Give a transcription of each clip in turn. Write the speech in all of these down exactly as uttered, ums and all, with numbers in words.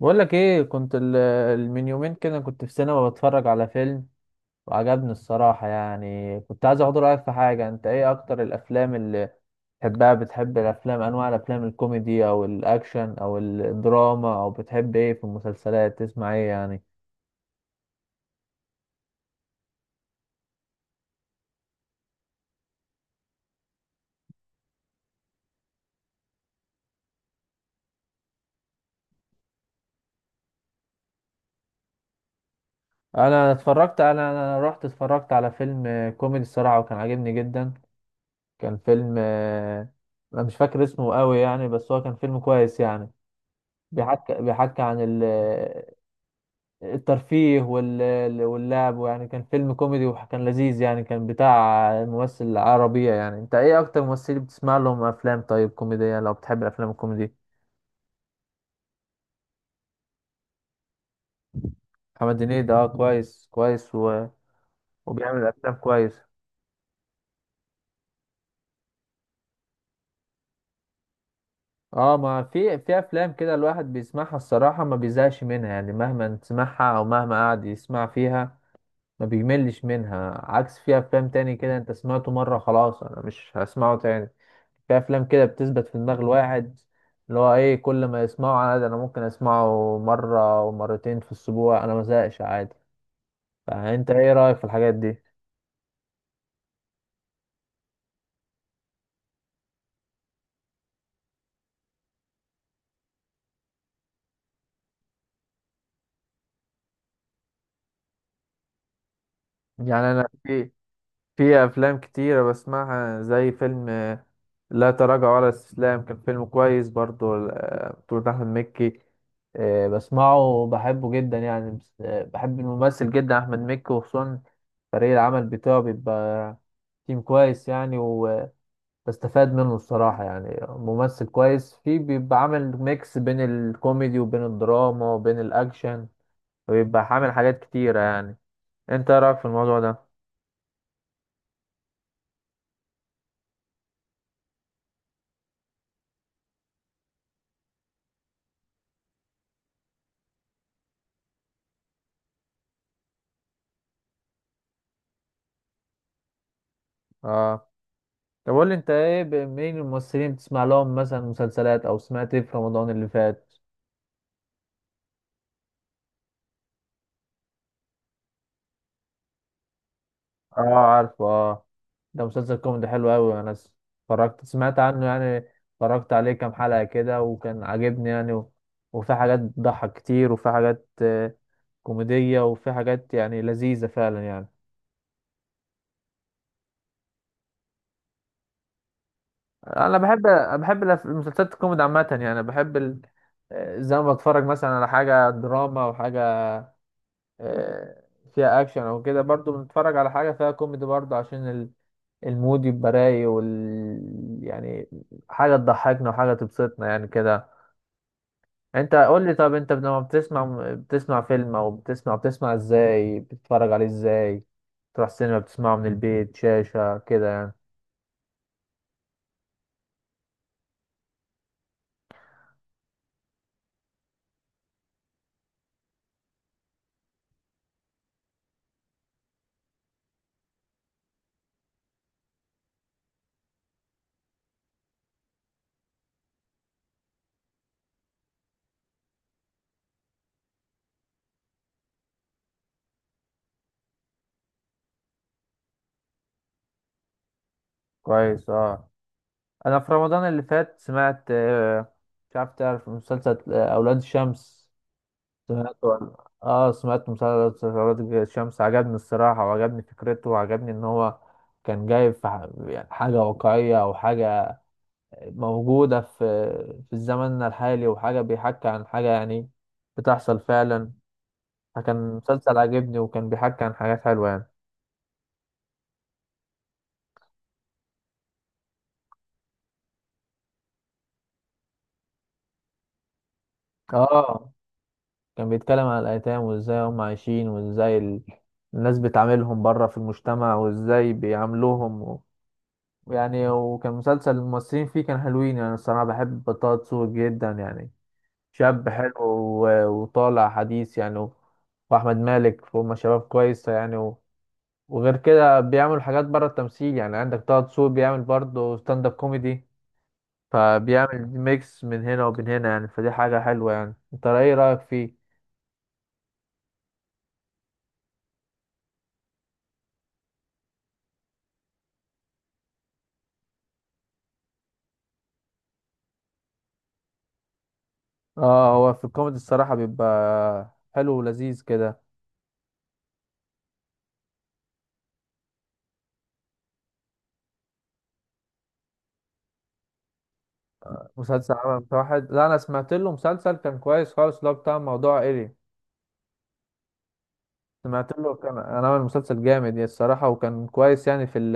بقول لك ايه كنت ال- ال- من يومين كده كنت في سينما بتفرج على فيلم، وعجبني الصراحة. يعني كنت عايز اخد رأيك في حاجة. انت ايه اكتر الافلام اللي بتحبها بتحب الافلام انواع الافلام، الكوميدي او الاكشن او الدراما؟ او بتحب ايه في المسلسلات؟ تسمع ايه يعني؟ انا اتفرجت انا انا رحت اتفرجت على فيلم كوميدي الصراحة، وكان عاجبني جدا. كان فيلم، آه، انا مش فاكر اسمه قوي يعني، بس هو كان فيلم كويس يعني. بيحكي بيحكي عن ال الترفيه وال- واللعب، ويعني كان فيلم كوميدي وكان لذيذ يعني، كان بتاع ممثل عربية. يعني انت ايه اكتر ممثل بتسمع لهم افلام طيب كوميدية، لو بتحب الافلام الكوميدي؟ محمد هنيدي ده، اه، كويس كويس، و... وبيعمل افلام كويس. اه، ما في في افلام كده الواحد بيسمعها الصراحة ما بيزهقش منها يعني، مهما تسمعها او مهما قعد يسمع فيها ما بيملش منها. عكس في افلام تاني كده، انت سمعته مرة خلاص، انا مش هسمعه تاني. في افلام كده بتثبت في دماغ الواحد، اللي هو ايه، كل ما يسمعه عادي، انا ممكن اسمعه مره ومرتين في الاسبوع، انا ما زهقش عادي. فانت ايه رايك في الحاجات دي؟ يعني انا، في في افلام كتيره بسمعها زي فيلم، آه، لا تراجع ولا استسلام. كان فيلم كويس برضو، آه، بطولة احمد مكي. إيه، بسمعه وبحبه جدا يعني، بس آه، بحب الممثل جدا احمد مكي، وخصوصا فريق العمل بتاعه بيبقى تيم كويس يعني، بستفاد منه الصراحة يعني. ممثل كويس فيه، بيبقى عامل ميكس بين الكوميدي وبين الدراما وبين الأكشن، بيبقى عامل حاجات كتيرة يعني. انت ايه رأيك في الموضوع ده؟ اه، طب قول لي انت ايه، ب- مين الممثلين بتسمع لهم مثلا مسلسلات؟ او سمعت ايه في رمضان اللي فات؟ اه عارف، اه. ده مسلسل كوميدي حلو قوي. انا س- اتفرجت، سمعت عنه يعني. اتفرجت عليه كام حلقة كده وكان عاجبني يعني، و... وفي حاجات بتضحك كتير، وفي حاجات كوميدية، وفي حاجات يعني لذيذة فعلا يعني. انا، مم. بحب بحب الأف- المسلسلات الكوميدي عامة يعني. بحب ال... آه، زي ما بتفرج مثلا على حاجة دراما، او حاجة آه، فيها اكشن او كده، برضو بنتفرج على حاجة فيها كوميدي برضو، عشان ال- المود يبقى رايق، وال يعني حاجة تضحكنا وحاجة تبسطنا يعني كده. انت قول لي، طب انت لما بتسمع، بتسمع فيلم، او بتسمع بتسمع ازاي بتتفرج عليه؟ ازاي؟ تروح سينما، بتسمعه من البيت، شاشة كده يعني؟ كويس. اه، انا في رمضان اللي فات سمعت، آه، مش عارف تعرف مسلسل، آه، اولاد الشمس؟ سمعت؟ ولا اه، سمعت مسلسل اولاد الشمس، عجبني الصراحه، وعجبني فكرته، وعجبني ان هو كان جايب في ح- يعني حاجه واقعيه، او حاجه موجوده في في الزمن الحالي، وحاجه بيحكي عن حاجه يعني بتحصل فعلا. فكان مسلسل عجبني، وكان بيحكي عن حاجات حلوه يعني. اه، كان بيتكلم عن الأيتام، وإزاي هم عايشين، وإزاي ال- الناس بتعاملهم بره في المجتمع، وإزاي بيعاملوهم، و... يعني. وكان مسلسل الممثلين فيه كان حلوين يعني. الصراحة بحب طه دسوقي جدا يعني، شاب حلو و... وطالع حديث يعني، و... وأحمد مالك. وهم شباب كويسة يعني، و... وغير كده بيعملوا حاجات بره التمثيل يعني. عندك طه دسوقي بيعمل برضه ستاند اب كوميدي، فبيعمل ميكس من هنا وبين هنا يعني، فدي حاجة حلوة يعني. انت ايه رأيك فيه؟ اه، هو في الكوميدي الصراحة بيبقى حلو ولذيذ كده. مسلسل عمل واحد، لا انا سمعت له مسلسل كان كويس خالص، اللي هو بتاع موضوع ايري. سمعت له، كان انا عامل مسلسل جامد يعني الصراحة، وكان كويس يعني في ال...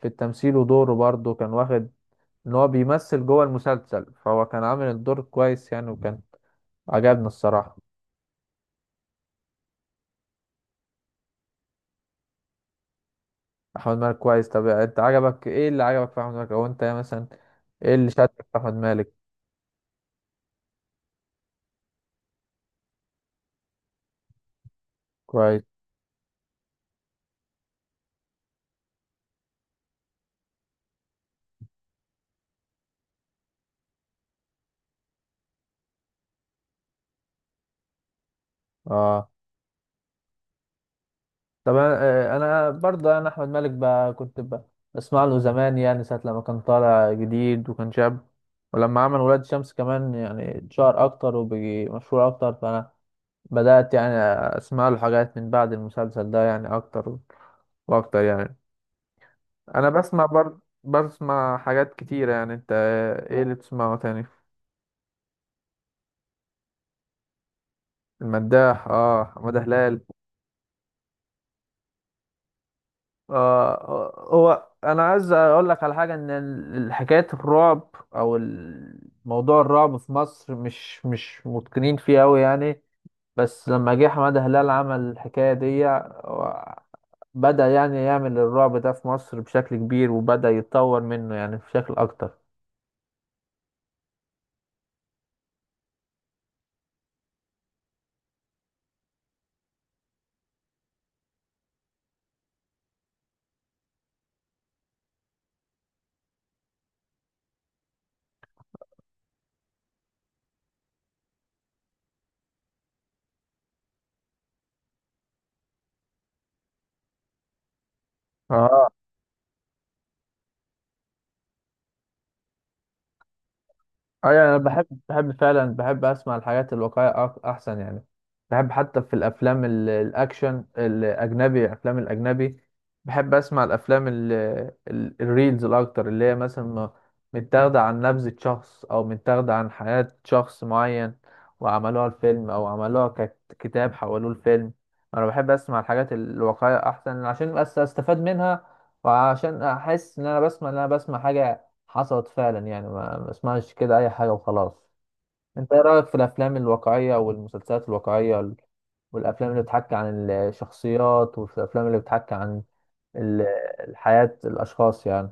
في التمثيل، ودوره برضه كان واخد ان هو بيمثل جوه المسلسل، فهو كان عامل الدور كويس يعني، وكان عجبني الصراحة. احمد مالك كويس. طب انت عجبك ايه؟ اللي عجبك في احمد مالك؟ او انت مثلا ايه اللي شدك في احمد مالك؟ كويس. اه طب انا آه، أنا برضه، انا احمد مالك بقى كنت ب- بسمع له زمان يعني، ساعه لما كان طالع جديد وكان شاب. ولما عمل ولاد شمس كمان يعني اتشهر اكتر وبقي مشهور اكتر، فانا بدات يعني اسمع له حاجات من بعد المسلسل ده يعني، اكتر واكتر يعني. انا بسمع، برضه بسمع حاجات كتيره يعني. انت آه، ايه اللي بتسمعه تاني؟ المداح، اه، حماده هلال. آه، هو انا عايز اقول لك على حاجه، ان ال- حكايه الرعب، او ال- موضوع الرعب في مصر، مش مش متقنين فيه قوي يعني. بس لما جه حماده هلال عمل الحكايه دي، و- بدأ يعني يعمل الرعب ده في مصر بشكل كبير، وبدأ يتطور منه يعني بشكل اكتر. اه. اه يعني انا بحب بحب فعلا، بحب اسمع الحاجات الواقعيه، أك- احسن يعني. بحب حتى في الافلام، ال- الاكشن الاجنبي، الافلام الاجنبي. بحب اسمع الافلام، ال- ال- الريلز الاكتر، اللي هي مثلا م- متاخده عن نبذه شخص، او متاخده عن حياه شخص معين، وعملوها الفيلم، او عملوها ككتاب حولوه الفيلم. انا بحب اسمع الحاجات الواقعيه احسن، عشان بس استفاد منها، وعشان احس ان انا بسمع ان انا بسمع حاجه حصلت فعلا يعني، ما ما اسمعش كده اي حاجه وخلاص. انت ايه رايك في الافلام الواقعيه، والمسلسلات الواقعيه، وال- والافلام اللي بتحكي عن الشخصيات؟ وفي الافلام اللي بتحكي عن ال- الحياه، الاشخاص يعني.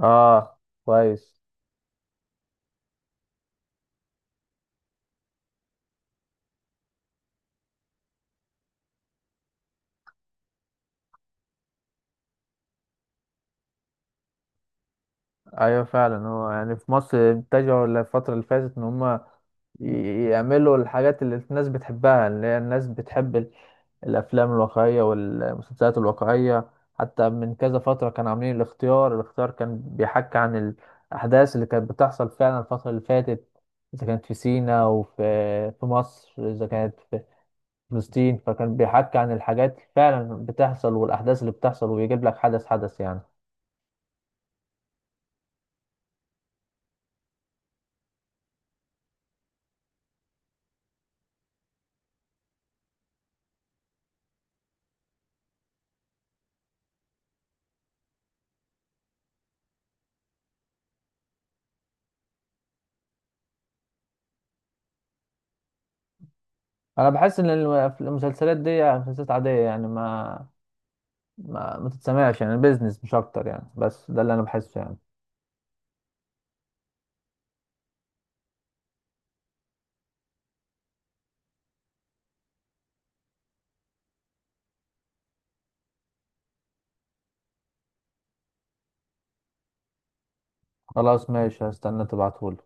اه كويس. ايوه فعلا. هو يعني في مصر اتجهوا الفتره اللي فاتت ان هم يعملوا الحاجات اللي الناس بتحبها، اللي هي الناس بتحب الافلام الواقعيه والمسلسلات الواقعيه. حتى من كذا فتره كانوا عاملين الاختيار. الاختيار كان بيحكي عن الاحداث اللي كانت بتحصل فعلا الفتره اللي فاتت، اذا كانت في سيناء، وفي في مصر، اذا كانت في فلسطين. فكان بيحكي عن الحاجات اللي فعلا بتحصل، والاحداث اللي بتحصل، ويجيب لك حدث حدث يعني. انا بحس ان الم- المسلسلات دي مسلسلات عاديه يعني، ما ما, ما تتسمعش يعني، بيزنس مش اكتر يعني. بس ده اللي انا بحسه يعني. خلاص ماشي، هستنى تبعتهولي.